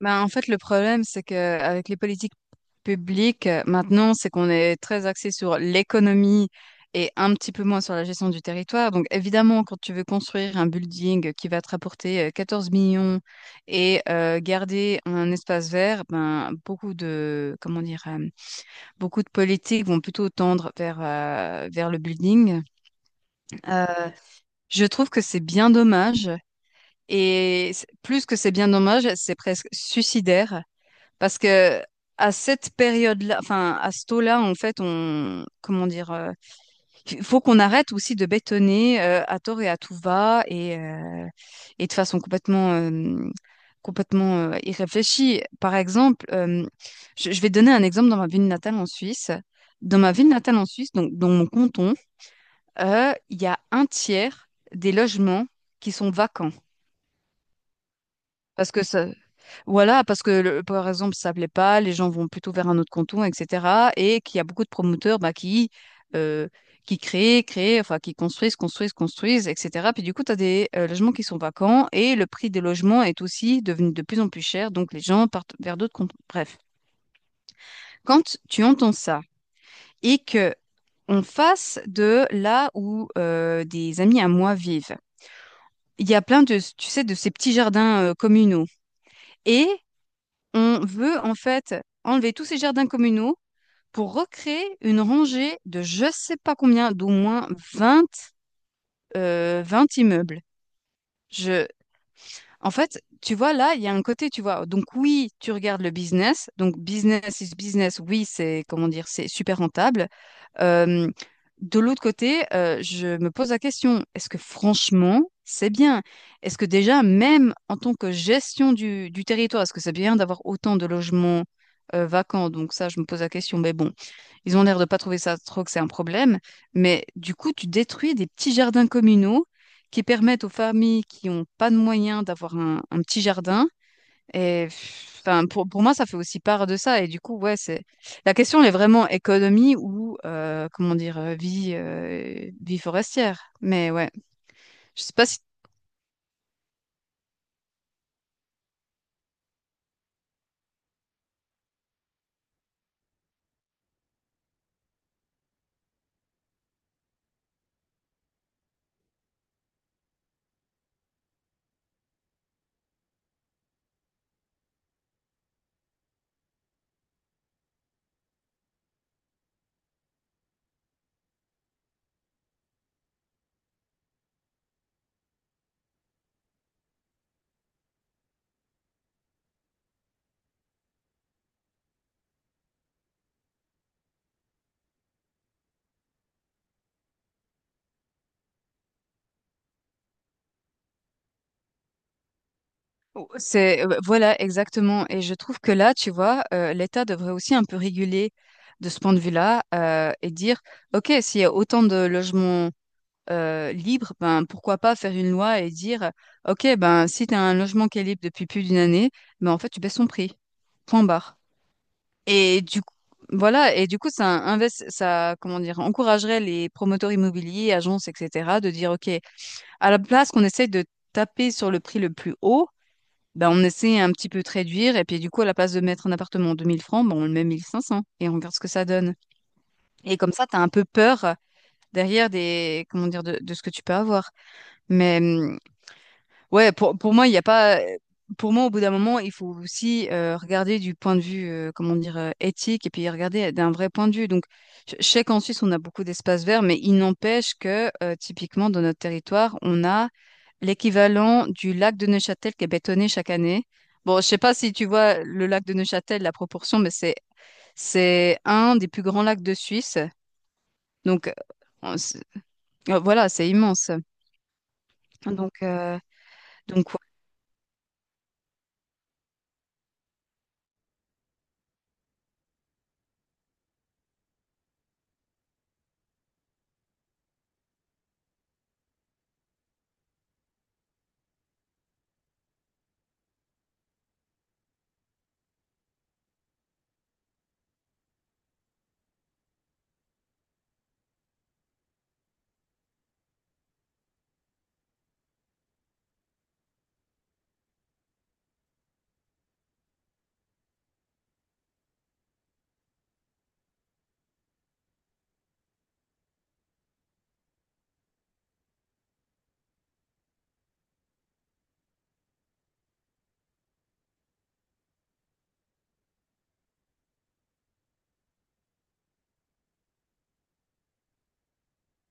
Ben, en fait, le problème, c'est que avec les politiques publiques, maintenant, c'est qu'on est très axé sur l'économie et un petit peu moins sur la gestion du territoire. Donc, évidemment, quand tu veux construire un building qui va te rapporter 14 millions et garder un espace vert, ben, comment dire, beaucoup de politiques vont plutôt tendre vers le building. Euh, je trouve que c'est bien dommage. Et plus que c'est bien dommage, c'est presque suicidaire parce que à cette période-là, enfin à ce taux-là, en fait, comment dire, il faut qu'on arrête aussi de bétonner à tort et à tout va et de façon complètement irréfléchie. Par exemple, je vais donner un exemple dans ma ville natale en Suisse. Dans ma ville natale en Suisse, donc dans mon canton, il y a un tiers des logements qui sont vacants parce que ça, voilà, parce que par exemple, ça plaît pas, les gens vont plutôt vers un autre canton, etc. Et qu'il y a beaucoup de promoteurs, bah, euh, enfin qui construisent, etc. Puis du coup, tu as des logements qui sont vacants et le prix des logements est aussi devenu de plus en plus cher, donc les gens partent vers d'autres cantons. Bref, quand tu entends ça et que on fasse de là où des amis à moi vivent, il y a plein de ces petits jardins communaux. Et on veut en fait enlever tous ces jardins communaux pour recréer une rangée de je sais pas combien, d'au moins 20, 20 immeubles. Je, En fait, tu vois, là, il y a un côté, tu vois. Donc, oui, tu regardes le business. Donc, business is business. Oui, comment dire, c'est super rentable. Euh, de l'autre côté, je me pose la question, est-ce que franchement, c'est bien? Est-ce que déjà, même en tant que gestion du territoire, est-ce que c'est bien d'avoir autant de logements vacants? Donc, ça, je me pose la question. Mais bon, ils ont l'air de pas trouver ça trop que c'est un problème, mais du coup, tu détruis des petits jardins communaux qui permettent aux familles qui n'ont pas de moyens d'avoir un petit jardin. Et enfin, pour moi, ça fait aussi part de ça. Et du coup, ouais, c'est la question, elle est vraiment économie ou comment dire vie forestière. Mais ouais, je sais pas si oh, c'est voilà exactement. Et je trouve que là, tu vois, l'État devrait aussi un peu réguler de ce point de vue-là et dire, OK, s'il y a autant de logements libre, ben pourquoi pas faire une loi et dire, OK, ben si tu as un logement qui est libre depuis plus d'une année, ben en fait tu baisses son prix. Point barre. Et du coup, voilà, et du coup ça comment dire, encouragerait les promoteurs immobiliers, agences, etc. de dire OK, à la place qu'on essaye de taper sur le prix le plus haut, ben on essaie un petit peu de réduire et puis du coup, à la place de mettre un appartement en 2000 francs, ben on le met 1500 et on regarde ce que ça donne. Et comme ça, tu as un peu peur derrière des, comment dire, de ce que tu peux avoir. Mais ouais, pour moi, il n'y a pas. Pour moi, au bout d'un moment, il faut aussi regarder du point de vue, comment dire, éthique, et puis regarder d'un vrai point de vue. Donc, je sais qu'en Suisse, on a beaucoup d'espaces verts, mais il n'empêche que, typiquement, dans notre territoire, on a l'équivalent du lac de Neuchâtel qui est bétonné chaque année. Bon, je sais pas si tu vois le lac de Neuchâtel, la proportion, mais c'est un des plus grands lacs de Suisse. Donc, on s- voilà, c'est immense. Donc, donc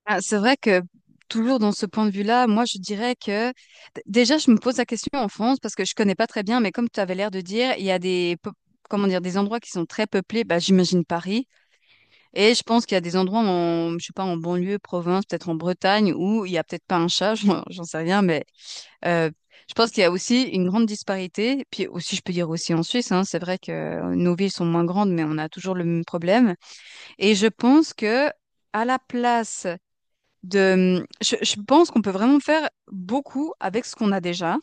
ah, c'est vrai que toujours dans ce point de vue-là, moi je dirais que déjà je me pose la question en France parce que je connais pas très bien, mais comme tu avais l'air de dire, il y a comment dire des endroits qui sont très peuplés, bah j'imagine Paris, et je pense qu'il y a des endroits en je sais pas en banlieue, province, peut-être en Bretagne où il y a peut-être pas un chat, j'en sais rien, mais euh, je pense qu'il y a aussi une grande disparité. Puis aussi je peux dire aussi en Suisse, hein, c'est vrai que nos villes sont moins grandes, mais on a toujours le même problème. Et je pense que à la place je pense qu'on peut vraiment faire beaucoup avec ce qu'on a déjà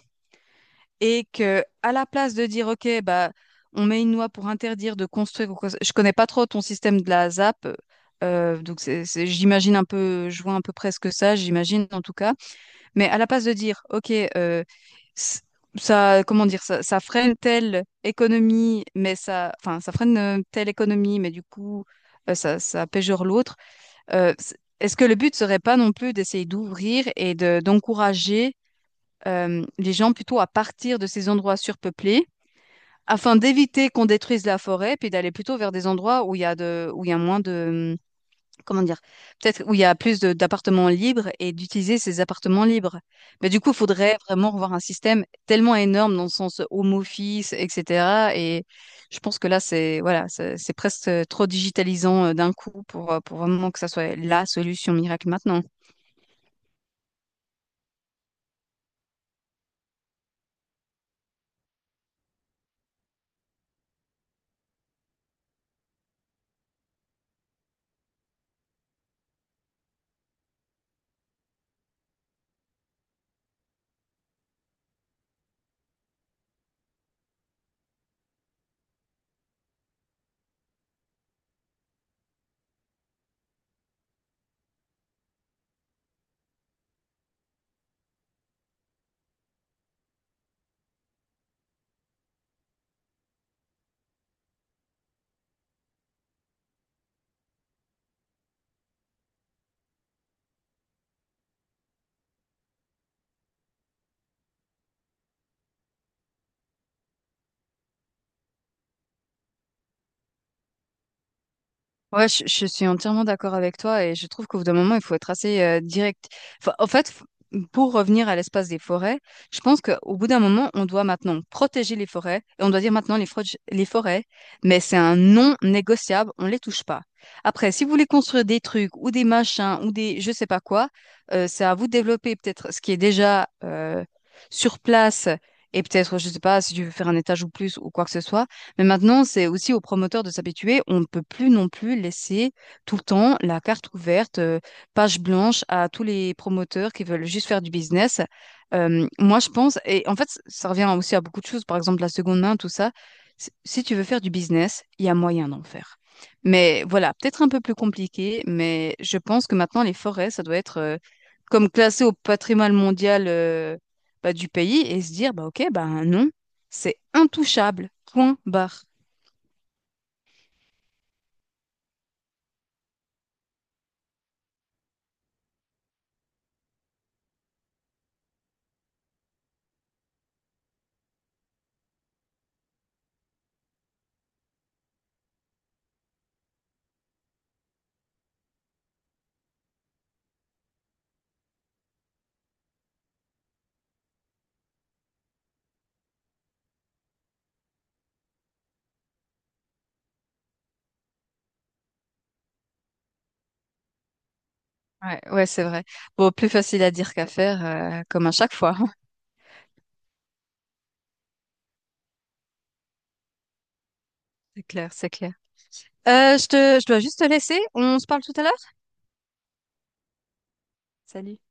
et que à la place de dire OK, bah, on met une loi pour interdire de construire je connais pas trop ton système de la ZAP, donc j'imagine un peu, je vois à peu près ce que ça, j'imagine en tout cas, mais à la place de dire OK, c- ça comment dire, ça freine telle économie, mais ça enfin ça freine telle économie, mais du coup ça pégeure l'autre, est-ce que le but serait pas non plus d'essayer d'ouvrir et de, d'encourager les gens plutôt à partir de ces endroits surpeuplés afin d'éviter qu'on détruise la forêt, puis d'aller plutôt vers des endroits où il y a de, où il y a moins de, comment dire, peut-être où il y a plus d'appartements libres et d'utiliser ces appartements libres. Mais du coup, il faudrait vraiment revoir un système tellement énorme dans le sens home office, etc. Et je pense que là, c'est voilà, c'est presque trop digitalisant d'un coup pour vraiment que ça soit la solution miracle maintenant. Ouais, je suis entièrement d'accord avec toi et je trouve qu'au bout d'un moment, il faut être assez direct. Enfin, en fait, pour revenir à l'espace des forêts, je pense qu'au bout d'un moment, on doit maintenant protéger les forêts et on doit dire maintenant les forêts, mais c'est un non négociable, on les touche pas. Après, si vous voulez construire des trucs ou des machins ou des je sais pas quoi, c'est à vous de développer peut-être ce qui est déjà sur place et peut-être, je sais pas, si tu veux faire un étage ou plus ou quoi que ce soit. Mais maintenant, c'est aussi aux promoteurs de s'habituer. On ne peut plus non plus laisser tout le temps la carte ouverte, page blanche à tous les promoteurs qui veulent juste faire du business. Moi, je pense, et en fait, ça revient aussi à beaucoup de choses, par exemple la seconde main, tout ça. Si tu veux faire du business, il y a moyen d'en faire. Mais voilà, peut-être un peu plus compliqué, mais je pense que maintenant, les forêts, ça doit être comme classé au patrimoine mondial, bah, du pays, et se dire, bah, OK, bah, non, c'est intouchable. Point barre. Ouais, ouais, c'est vrai. Bon, plus facile à dire qu'à faire, comme à chaque fois. C'est clair, c'est clair. Je dois juste te laisser. On se parle tout à l'heure? Salut.